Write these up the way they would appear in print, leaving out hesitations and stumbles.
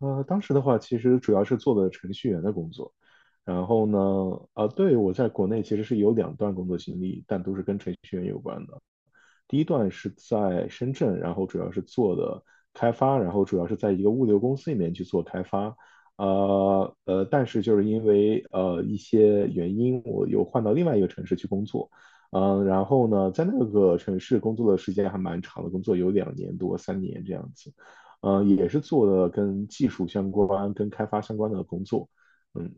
当时的话，其实主要是做的程序员的工作。然后呢，对，我在国内其实是有两段工作经历，但都是跟程序员有关的。第一段是在深圳，然后主要是做的开发，然后主要是在一个物流公司里面去做开发。但是就是因为一些原因，我又换到另外一个城市去工作。然后呢，在那个城市工作的时间还蛮长的，工作有两年多、三年这样子。也是做的跟技术相关、跟开发相关的工作。嗯。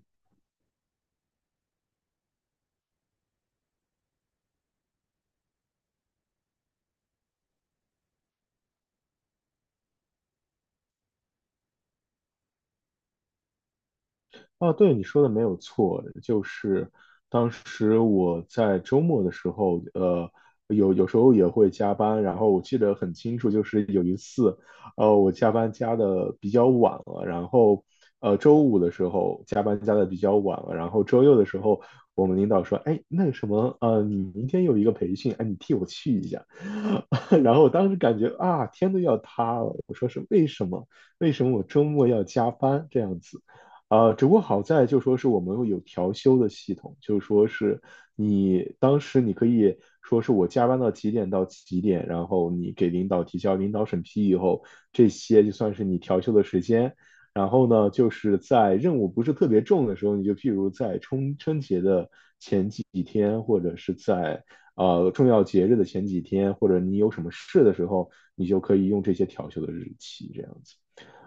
哦，对，你说的没有错，就是当时我在周末的时候，有时候也会加班，然后我记得很清楚，就是有一次，我加班加的比较晚了，然后周五的时候加班加的比较晚了，然后周六的时候，我们领导说，哎，那个什么，你明天有一个培训，哎，你替我去一下，然后我当时感觉啊，天都要塌了，我说是为什么？为什么我周末要加班这样子？只不过好在就说是我们有调休的系统，就说是你当时你可以说是我加班到几点到几点，然后你给领导提交，领导审批以后，这些就算是你调休的时间。然后呢，就是在任务不是特别重的时候，你就譬如在春节的前几天，或者是在重要节日的前几天，或者你有什么事的时候，你就可以用这些调休的日期这样子。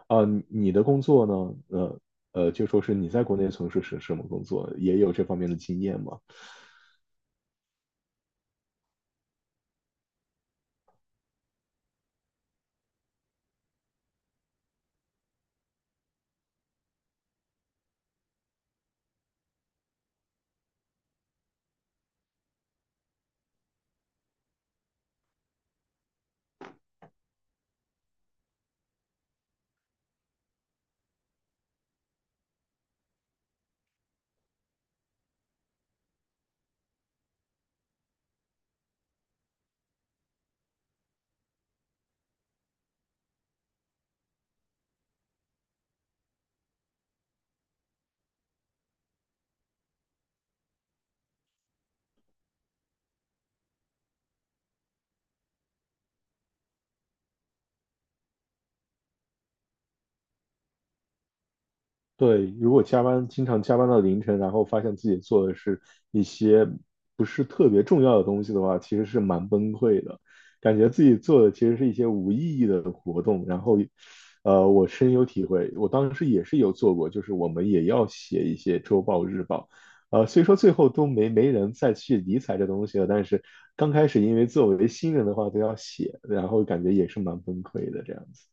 啊，你的工作呢？就说是你在国内从事是什么工作？也有这方面的经验吗？对，如果加班，经常加班到凌晨，然后发现自己做的是一些不是特别重要的东西的话，其实是蛮崩溃的，感觉自己做的其实是一些无意义的活动。然后，我深有体会，我当时也是有做过，就是我们也要写一些周报、日报，虽说最后都没人再去理睬这东西了，但是刚开始因为作为新人的话都要写，然后感觉也是蛮崩溃的这样子。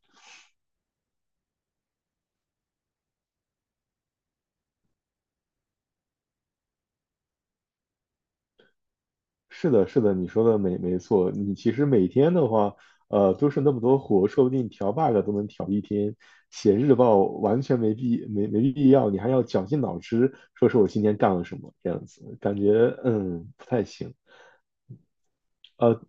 是的，是的，你说的没错。你其实每天的话，都是那么多活，说不定调 bug 都能调一天。写日报完全没必要，你还要绞尽脑汁说我今天干了什么，这样子感觉不太行。呃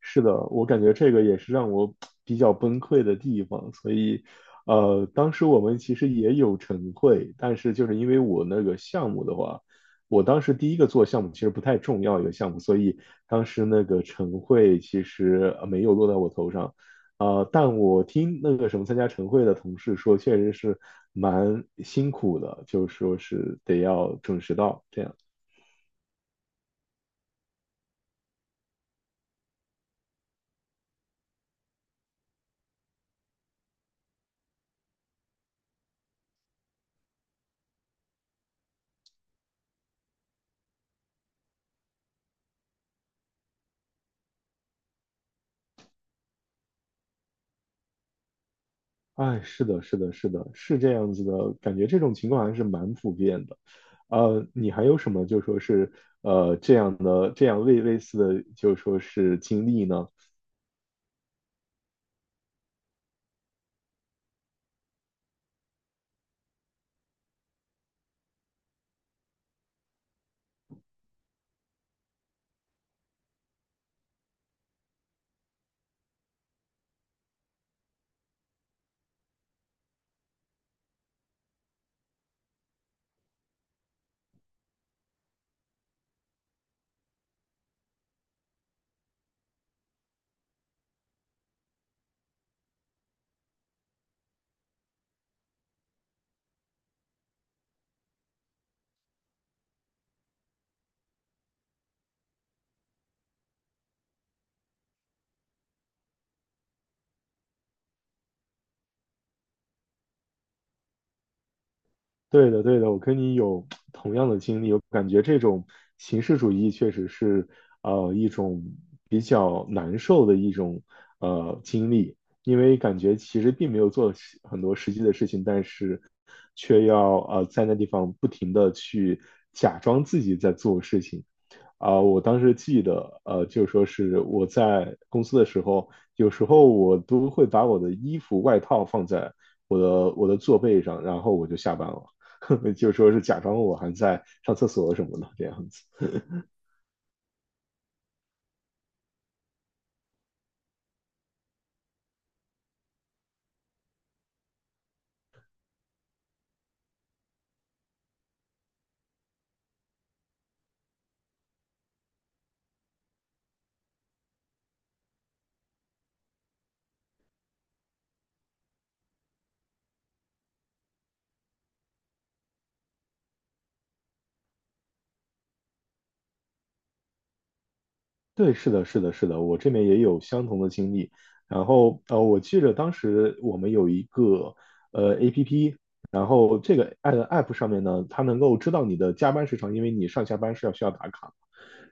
是的，我感觉这个也是让我比较崩溃的地方，所以，当时我们其实也有晨会，但是就是因为我那个项目的话，我当时第一个做项目其实不太重要一个项目，所以当时那个晨会其实没有落在我头上，但我听那个什么参加晨会的同事说，确实是蛮辛苦的，就是说是得要准时到这样。哎，是的，是的，是的，是这样子的，感觉这种情况还是蛮普遍的。你还有什么就说是这样的这样类类似的就说是经历呢？对的，对的，我跟你有同样的经历，我感觉这种形式主义确实是一种比较难受的一种经历，因为感觉其实并没有做很多实际的事情，但是却要在那地方不停的去假装自己在做事情。啊，我当时记得，就说是我在公司的时候，有时候我都会把我的衣服、外套放在我的座背上，然后我就下班了。就说是假装我还在上厕所什么的这样子。对，是的，是的，是的，我这边也有相同的经历。然后我记得当时我们有一个APP,然后这个 app 上面呢，它能够知道你的加班时长，因为你上下班是要需要打卡。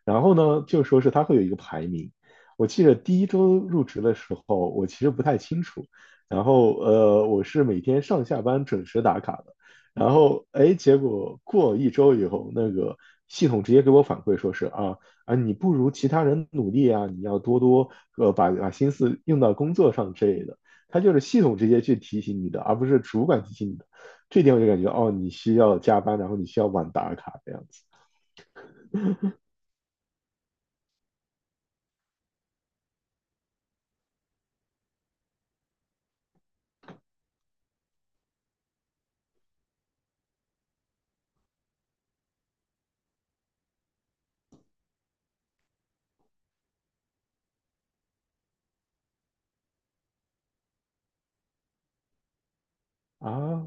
然后呢，就说是它会有一个排名。我记得第一周入职的时候，我其实不太清楚。然后我是每天上下班准时打卡的。然后哎，结果过一周以后，那个系统直接给我反馈说是啊，你不如其他人努力啊，你要多多把心思用到工作上之类的。它就是系统直接去提醒你的，而不是主管提醒你的。这点我就感觉哦，你需要加班，然后你需要晚打卡这样子啊。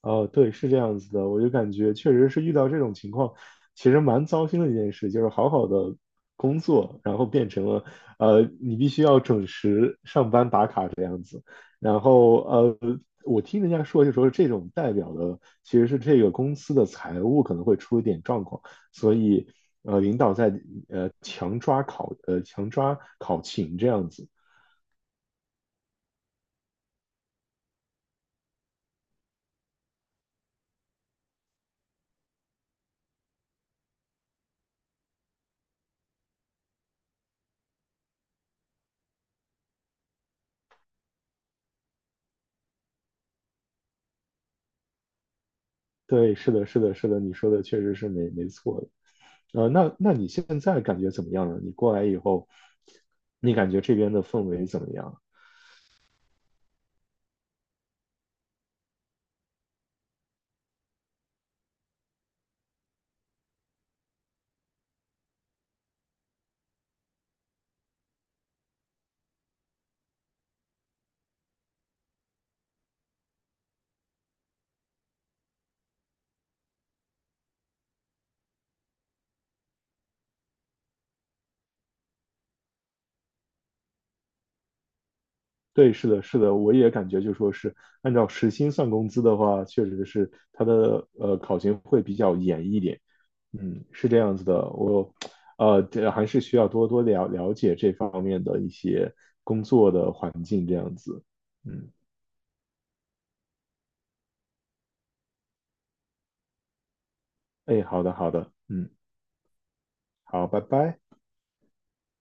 哦，对，是这样子的，我就感觉确实是遇到这种情况，其实蛮糟心的一件事，就是好好的工作，然后变成了，你必须要准时上班打卡这样子，然后我听人家说，就说这种代表的其实是这个公司的财务可能会出一点状况，所以领导在强抓考勤这样子，对，是的，是的，是的，你说的确实是没错的。那你现在感觉怎么样呢？你过来以后，你感觉这边的氛围怎么样？对，是的，是的，我也感觉就说是按照时薪算工资的话，确实是它的考勤会比较严一点。嗯，是这样子的，这还是需要多多了解这方面的一些工作的环境这样子。嗯，哎，好的，好的，嗯，好，拜拜。